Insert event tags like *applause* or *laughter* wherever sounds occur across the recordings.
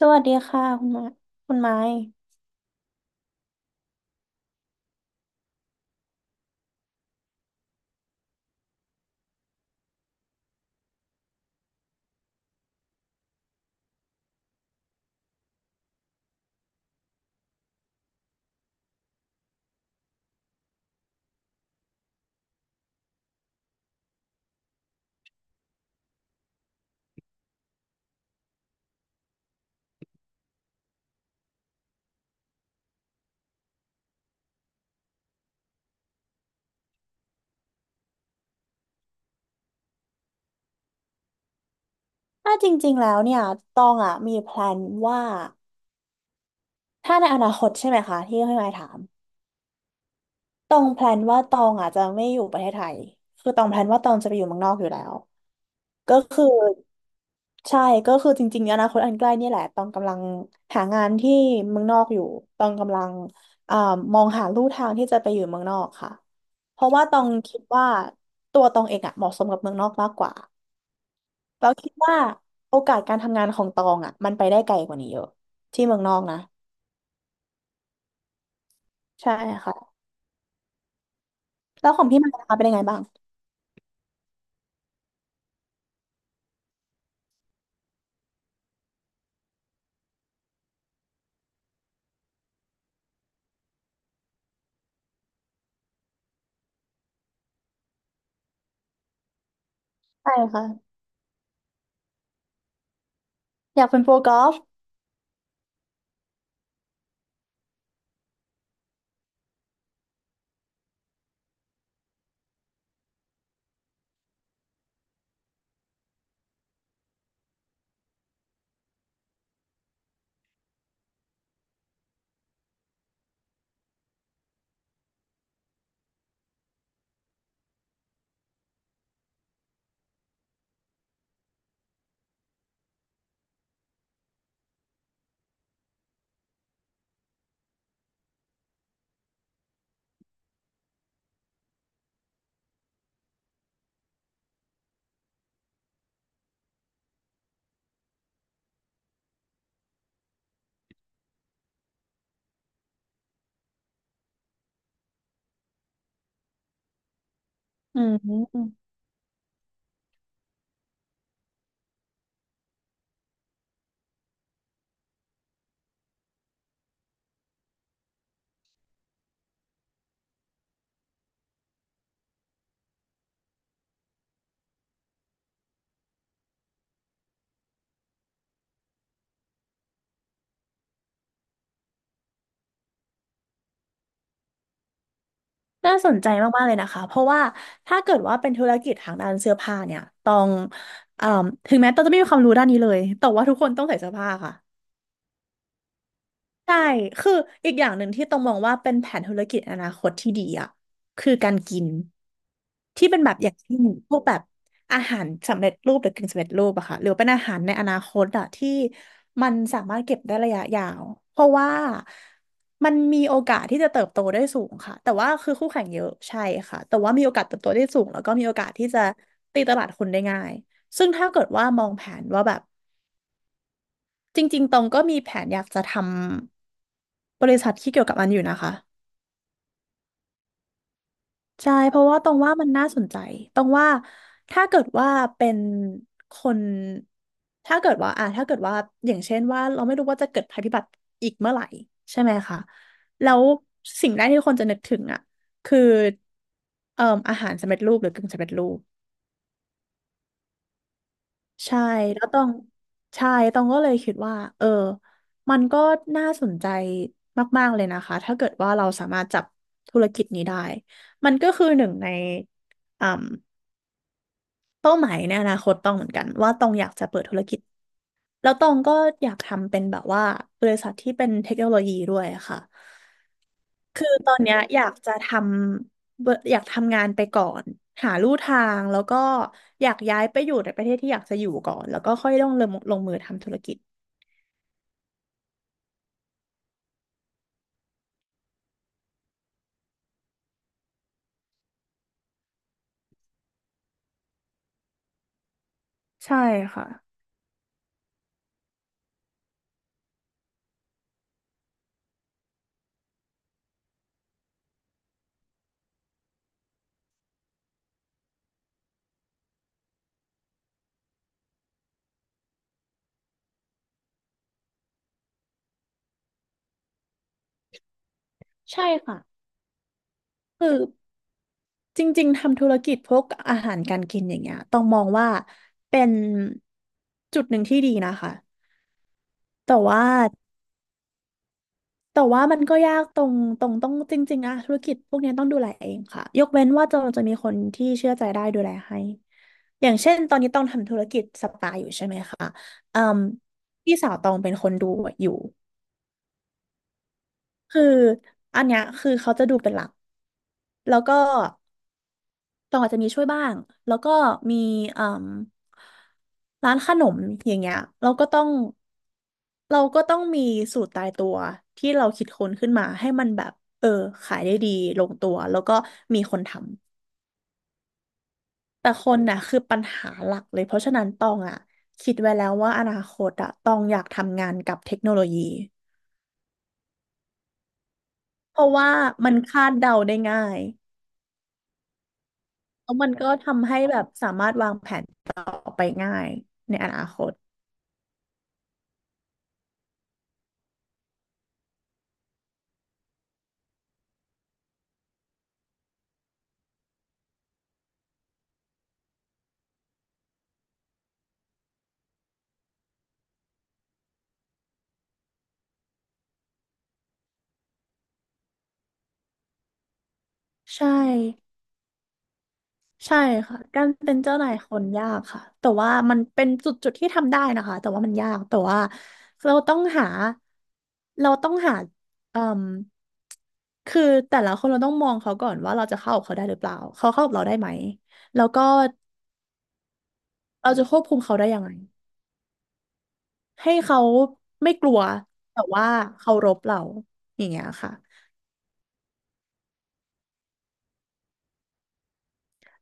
สวัสดีค่ะคุณไม้คุณไม้ถ้าจริงๆแล้วเนี่ยตองอ่ะมีแพลนว่าถ้าในอนาคตใช่ไหมคะที่คุณไม้ถามตองแพลนว่าตองอ่ะจะไม่อยู่ประเทศไทยคือตองแพลนว่าตองจะไปอยู่เมืองนอกอยู่แล้วก็คือใช่ก็คือจริงๆอนาคตอันใกล้เนี่ยแหละตองกำลังหางานที่เมืองนอกอยู่ตองกำลังอ่ามองหาลู่ทางที่จะไปอยู่เมืองนอกค่ะเพราะว่าตองคิดว่าตัวตองเองอ่ะเหมาะสมกับเมืองนอกมากกว่า เราคิดว่าโอกาสการทำงานของตองอ่ะมันไปได้ไกลกว่านี้เยอะที่เมืองนอกนะใช่ค่ะแล้วของพี่มันนะคะเป็นยังไงบ้างใช่ค่ะอยากเป็นโปรกอล์ฟอืมน่าสนใจมากๆเลยนะคะเพราะว่าถ้าเกิดว่าเป็นธุรกิจทางด้านเสื้อผ้าเนี่ยต้องเอ่มถึงแม้ต้องจะไม่มีความรู้ด้านนี้เลยแต่ว่าทุกคนต้องใส่เสื้อผ้าค่ะ ใช่ คืออีกอย่างหนึ่งที่ต้องมองว่าเป็นแผนธุรกิจอนาคตที่ดีอ่ะคือการกินที่เป็นแบบอย่างเช่นพวกแบบอาหารสำเร็จรูปหรือกึ่งสำเร็จรูปอะค่ะหรือเป็นอาหารในอนาคตอะที่มันสามารถเก็บได้ระยะยาวเพราะว่ามันมีโอกาสที่จะเติบโตได้สูงค่ะแต่ว่าคือคู่แข่งเยอะใช่ค่ะแต่ว่ามีโอกาสเติบโตได้สูงแล้วก็มีโอกาสที่จะตีตลาดคนได้ง่ายซึ่งถ้าเกิดว่ามองแผนว่าแบบ จริงๆตองก็มีแผนอยากจะทำบริษัทที่เกี่ยวกับมันอยู่นะคะใช่เพราะว่าตองว่ามันน่าสนใจตองว่าถ้าเกิดว่าเป็นคนถ้าเกิดว่าถ้าเกิดว่าอย่างเช่นว่าเราไม่รู้ว่าจะเกิดภัยพิบัติอีกเมื่อไหร่ใช่ไหมคะแล้วสิ่งแรกที่คนจะนึกถึงอ่ะคือเอ่ออาหารสำเร็จรูปหรือกึ่งสำเร็จรูป ใช่แล้วต้องใช่ต้องก็เลยคิดว่าเออมันก็น่าสนใจมากๆเลยนะคะถ้าเกิดว่าเราสามารถจับธุรกิจนี้ได้มันก็คือหนึ่งในอ่าเป้าหมายในอนาคตต้องเหมือนกันว่าต้องอยากจะเปิดธุรกิจแล้วตองก็อยากทำเป็นแบบว่าบริษัทที่เป็นเทคโนโลยีด้วยค่ะคือตอนเนี้ยอยากจะทำเบอร์อยากทำงานไปก่อนหาลู่ทางแล้วก็อยากย้ายไปอยู่ในประเทศที่อยากจะอยู่ก่อนแล้วก็ค่อยต้องลงมือทำธุรกิจ ใช่ค่ะใช่ค่ะคือจริงๆทำธุรกิจพวกอาหารการกินอย่างเงี้ยต้องมองว่าเป็นจุดหนึ่งที่ดีนะคะแต่ว่าแต่ว่ามันก็ยากตรงต้องจริงๆอะธุรกิจพวกเนี้ยต้องดูแลเองค่ะยกเว้นว่าจะมีคนที่เชื่อใจได้ดูแลให้อย่างเช่นตอนนี้ต้องทำธุรกิจสปาอยู่ใช่ไหมคะอืมพี่สาวตองเป็นคนดูอยู่คืออันเนี้ยคือเขาจะดูเป็นหลักแล้วก็ ตองอาจจะมีช่วยบ้างแล้วก็มีเอ่มร้านขนมอย่างเงี้ยเราก็ต้องเราก็ต้องมีสูตรตายตัวที่เราคิดค้นขึ้นมาให้มันแบบเออขายได้ดีลงตัวแล้วก็มีคนทำแต่คนน่ะคือปัญหาหลักเลยเพราะฉะนั้นตองอ่ะคิดไว้แล้วว่าอนาคตอ่ะตองอยากทำงานกับเทคโนโลยีเพราะว่ามันคาดเดาได้ง่ายแล้วมันก็ทำให้แบบสามารถวางแผนต่อไปง่ายในอนาคตใช่ ใช่ค่ะการเป็นเจ้านายคนยากค่ะแต่ว่ามันเป็นจุดจุดที่ทำได้นะคะแต่ว่ามันยากแต่ว่าเราต้องหาเราต้องหาเอ่มคือแต่ละคนเราต้องมองเขาก่อนว่าเราจะเข้ากับเขาได้หรือเปล่าเขาเข้ากับเราได้ไหมแล้วก็เราจะควบคุมเขาได้ยังไงให้เขาไม่กลัวแต่ว่าเคารพเราอย่างเงี้ยค่ะ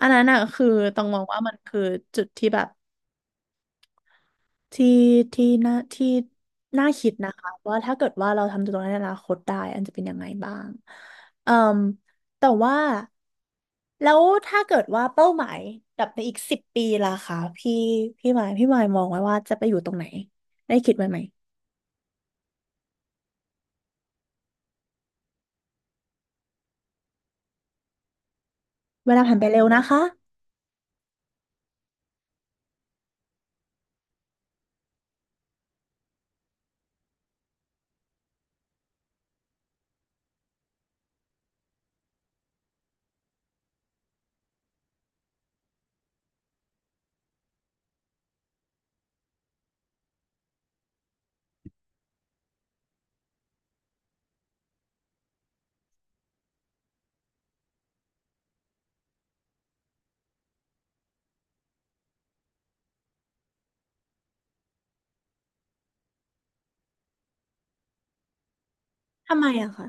อันนั้นน่ะคือต้องมองว่ามันคือจุดที่แบบ ที่ที่น่าคิดนะคะว่าถ้าเกิดว่าเราทำตรงนั้นในอนาคตได้อันจะเป็นยังไงบ้างเอ่มแต่ว่าแล้วถ้าเกิดว่าเป้าหมายแบบในอีกสิบปีล่ะคะพี่พี่หมายมองไว้ว่าจะไปอยู่ตรงไหนได้คิดไว้ไหมเวลาผ่านไปเร็วนะคะทำไมอะคะ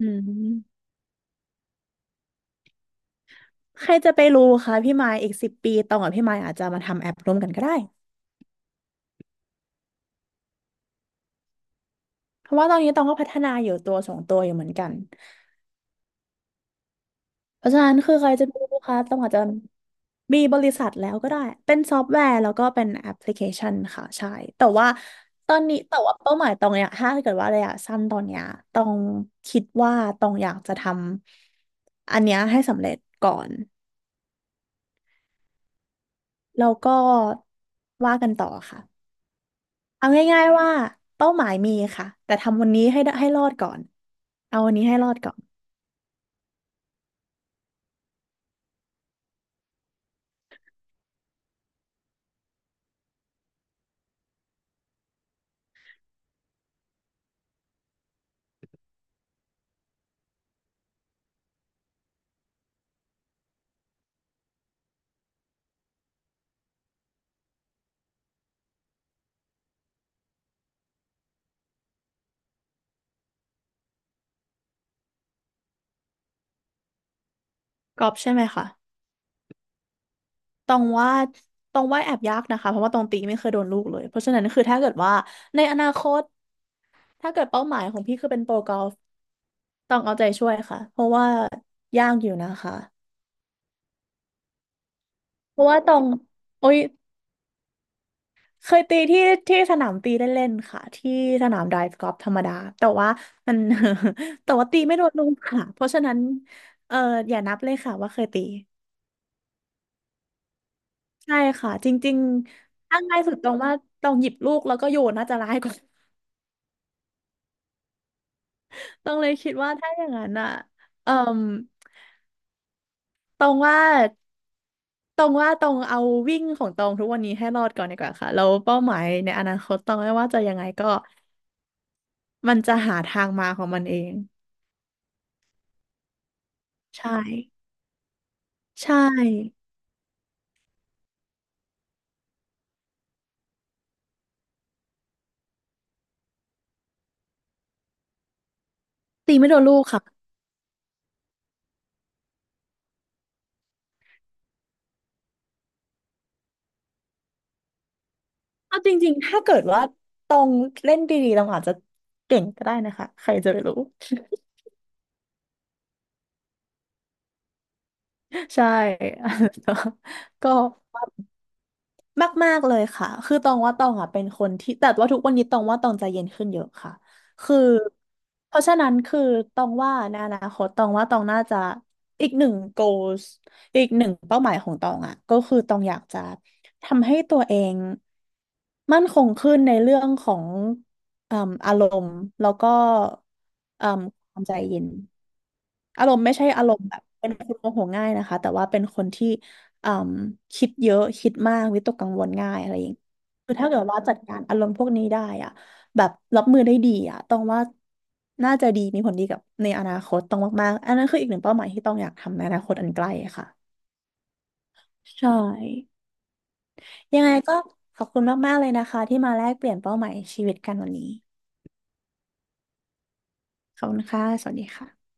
อืมใครจะไปรู้คะพี่หมายอีกสิบปีตองกับพี่หมายอาจจะมาทำแอปร่วมกันก็ได้เพราะว่าตอนนี้ตองก็พัฒนาอยู่ตัวสองตัวอยู่เหมือนกัน เพราะฉะนั้นคือใครจะไปรู้คะต้องอาจจะมีบริษัทแล้วก็ได้เป็นซอฟต์แวร์แล้วก็เป็นแอปพลิเคชันค่ะใช่แต่ว่าตอนนี้แต่ว่าเป้าหมายตองเนี้ยถ้าเกิดว่าระยะสั้นตอนเนี้ยตองคิดว่าตองอยากจะทำอันเนี้ยให้สำเร็จก่อนแล้วก็ว่ากันต่อค่ะเอาง่ายๆว่าเป้าหมายมีค่ะแต่ทำวันนี้ให้ได้ให้รอดก่อนเอาวันนี้ให้รอดก่อนกอบใช่ไหมคะ ตองว่าตองว่าแอบยากนะคะเพราะว่าตองตีไม่เคยโดนลูกเลยเพราะฉะนั้นคือถ้าเกิดว่าในอนาคตถ้าเกิดเป้าหมายของพี่คือเป็นโปรกอล์ฟตองเอาใจช่วยค่ะเพราะว่ายากอยู่นะคะเพราะว่าตองโอ้ยเคยตีที่ที่สนามตีเล่นๆค่ะที่สนามไดฟ์กอล์ฟธรรมดาแต่ว่ามัน *laughs* แต่ว่าตีไม่โดนลูกค่ะเพราะฉะนั้นเอออย่านับเลยค่ะว่าเคยตีใช่ค่ะจริงๆถ้าง่ายสุดตรงว่าตองหยิบลูกแล้วก็โยนน่าจะร้ายกว่า ตรงเลยคิดว่าถ้าอย่างนั้นอ่ะเอ่มตรงว่าตรงว่าตรงเอาวิ่งของตรงทุกวันนี้ให้รอดก่อนดีกว่าค่ะแล้วเป้าหมายในอนาคตตรงไม่ว่าจะยังไงก็มันจะหาทางมาของมันเองใช่ใช่ตีไม่โดนลูกค่ะเอาจริงๆถ้าเกิดว่าตรงเล่นดีๆเราอาจจะเก่งก็ได้นะคะใครจะไปรู้ *laughs* ใช่ *laughs* ก็ มากๆเลยค่ะคือตองว่าตองอ่ะเป็นคนที่แต่ว่าทุกวันนี้ตองว่าตองใจเย็นขึ้นเยอะค่ะคือเพราะฉะนั้นคือตองว่าในอนาคตตองว่าตองน่าจะอีกหนึ่ง goals อีกหนึ่งเป้าหมายของตองอ่ะก็คือตองอยากจะทำให้ตัวเองมั่นคงขึ้นในเรื่องของเอ่มอารมณ์แล้วก็เอ่มความใจเย็นอารมณ์ไม่ใช่อารมณ์แบบเป็นคนโมโหง่ายนะคะแต่ว่าเป็นคนที่ เอมคิดเยอะคิดมากวิตกกังวลง่ายอะไรอย่างงี้คือถ้าเกิดว่าจัดการอารมณ์พวกนี้ได้อ่ะแบบรับมือได้ดีอ่ะต้องว่าน่าจะดีมีผลดีกับในอนาคตต้องมากๆอันนั้นคืออีกหนึ่งเป้าหมายที่ต้องอยากทำในอนาคตอันใกล้ค่ะใช่ยังไงก็ขอบคุณมากๆเลยนะคะที่มาแลกเปลี่ยนเป้าหมายชีวิตกันวันนี้ขอบคุณค่ะสวัสดีค่ะ